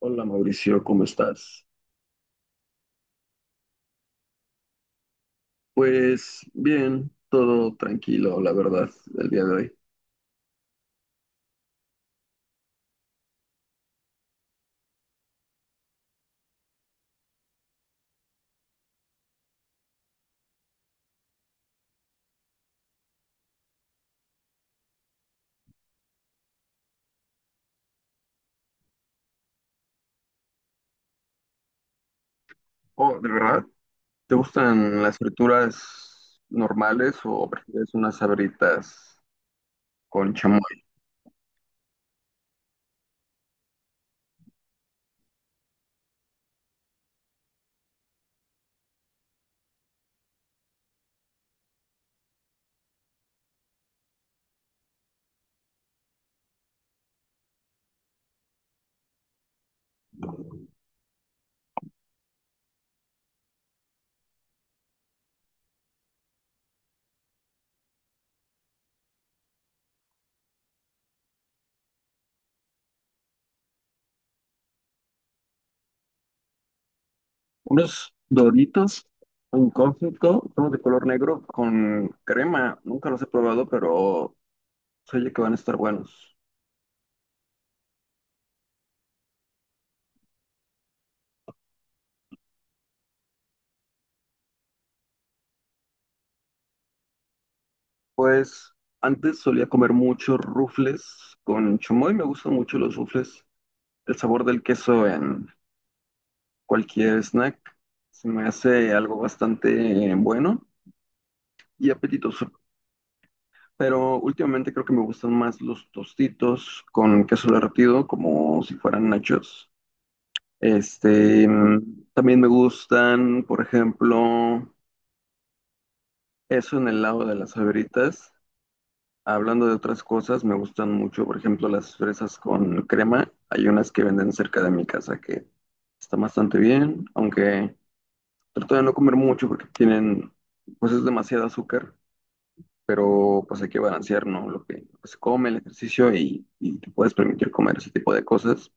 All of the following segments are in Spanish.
Hola Mauricio, ¿cómo estás? Pues bien, todo tranquilo, la verdad, el día de hoy. Oh, ¿de verdad? ¿Te gustan las frituras normales o prefieres unas sabritas con chamoy? Unos Doritos en conflicto, son de color negro con crema. Nunca los he probado, pero se oye que van a estar buenos. Pues antes solía comer muchos rufles con chamoy, me gustan mucho los rufles. El sabor del queso en cualquier snack. Se me hace algo bastante bueno y apetitoso. Pero últimamente creo que me gustan más los tostitos con queso derretido, como si fueran nachos. También me gustan, por ejemplo, eso en el lado de las favoritas. Hablando de otras cosas, me gustan mucho, por ejemplo, las fresas con crema. Hay unas que venden cerca de mi casa que están bastante bien, aunque trato de no comer mucho porque tienen, pues es demasiado azúcar, pero pues hay que balancear, ¿no? Lo que se come, el ejercicio y te puedes permitir comer ese tipo de cosas.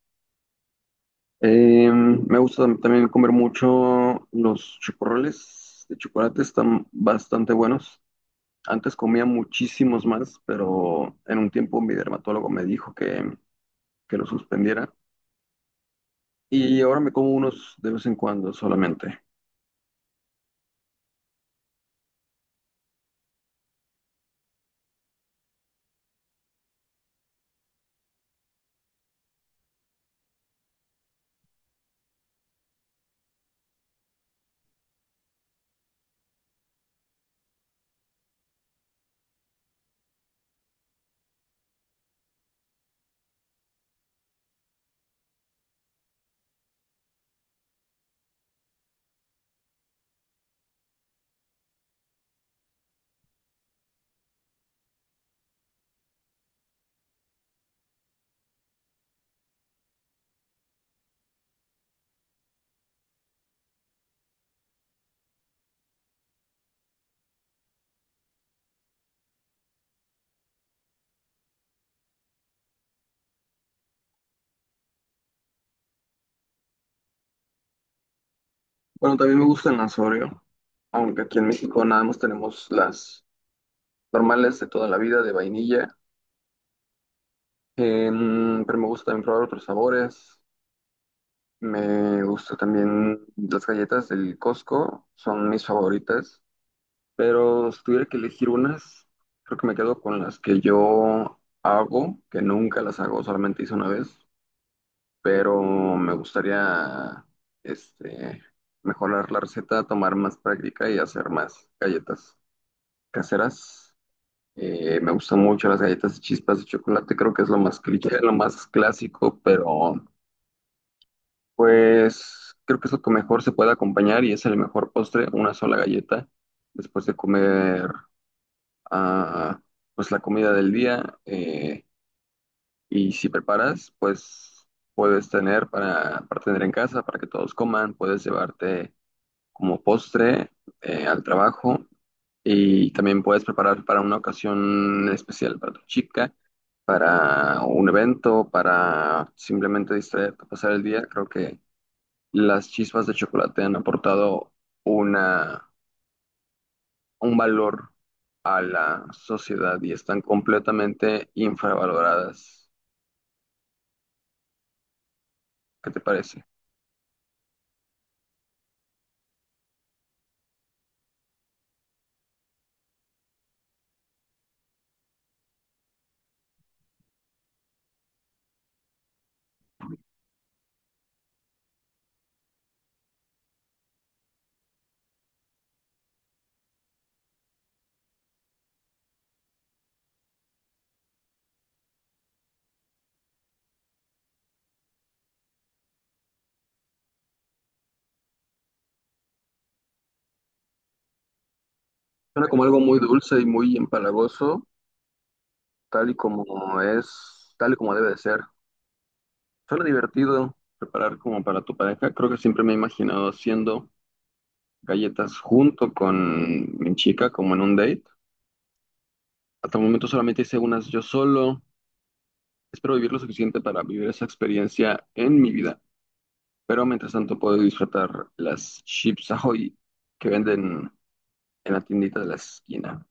Me gusta también comer mucho los chocorroles de chocolate, están bastante buenos. Antes comía muchísimos más, pero en un tiempo mi dermatólogo me dijo que lo suspendiera y ahora me como unos de vez en cuando solamente. Bueno, también me gustan las Oreo, aunque aquí en México nada más tenemos las normales de toda la vida de vainilla. Pero me gusta también probar otros sabores. Me gusta también las galletas del Costco, son mis favoritas, pero si tuviera que elegir unas, creo que me quedo con las que yo hago, que nunca las hago, solamente hice una vez, pero me gustaría este, mejorar la receta, tomar más práctica y hacer más galletas caseras. Me gustan mucho las galletas de chispas de chocolate, creo que es lo más cliché, lo más clásico, pero pues creo que es lo que mejor se puede acompañar y es el mejor postre, una sola galleta, después de comer, ah, pues la comida del día. Y si preparas, pues puedes tener para tener en casa, para que todos coman, puedes llevarte como postre, al trabajo, y también puedes preparar para una ocasión especial para tu chica, para un evento, para simplemente distraerte, pasar el día. Creo que las chispas de chocolate han aportado una, un valor a la sociedad y están completamente infravaloradas. ¿Qué te parece? Suena como algo muy dulce y muy empalagoso, tal y como es, tal y como debe de ser. Suena divertido preparar como para tu pareja. Creo que siempre me he imaginado haciendo galletas junto con mi chica, como en un date. Hasta el momento solamente hice unas yo solo. Espero vivir lo suficiente para vivir esa experiencia en mi vida. Pero mientras tanto puedo disfrutar las Chips Ahoy que venden en la tiendita de la esquina.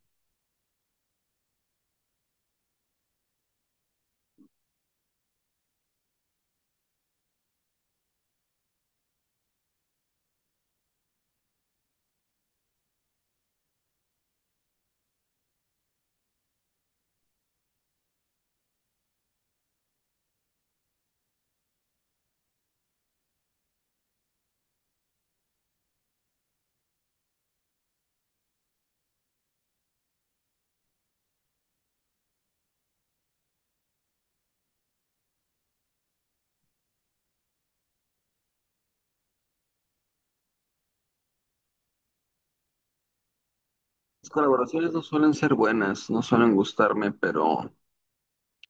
Las colaboraciones no suelen ser buenas, no suelen gustarme, pero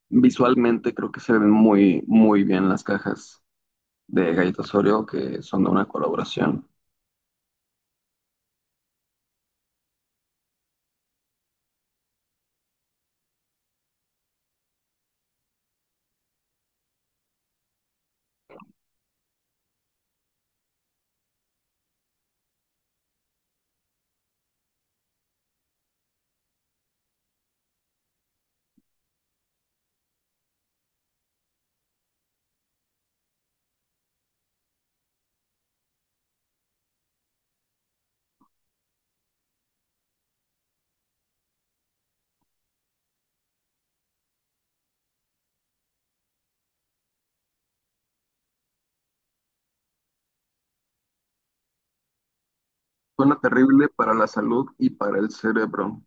visualmente creo que se ven muy bien las cajas de galletas Oreo que son de una colaboración. Suena terrible para la salud y para el cerebro.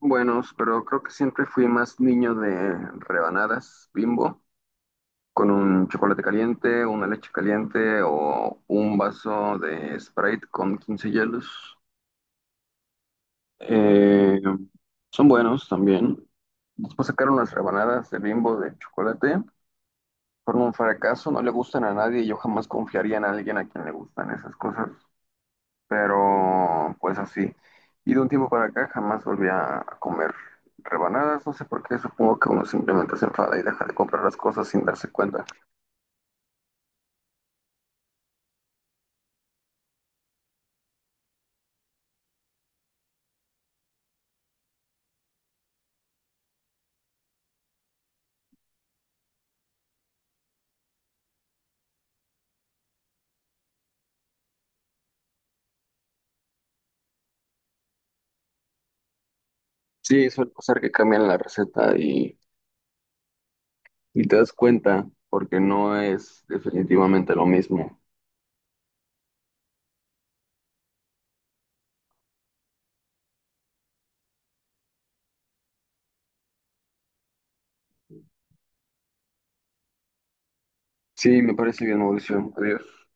Buenos, pero creo que siempre fui más niño de rebanadas Bimbo, con un chocolate caliente, una leche caliente o un vaso de Sprite con 15 hielos. Eh, Son buenos también. Después sacaron las rebanadas de Bimbo de chocolate. Fueron un fracaso, no le gustan a nadie y yo jamás confiaría en alguien a quien le gustan esas cosas, pero pues así. Y de un tiempo para acá jamás volví a comer rebanadas, no sé por qué, supongo que uno simplemente se enfada y deja de comprar las cosas sin darse cuenta. Sí, suele pasar que cambian la receta y te das cuenta porque no es definitivamente lo mismo. Sí, me parece bien, Mauricio. Adiós.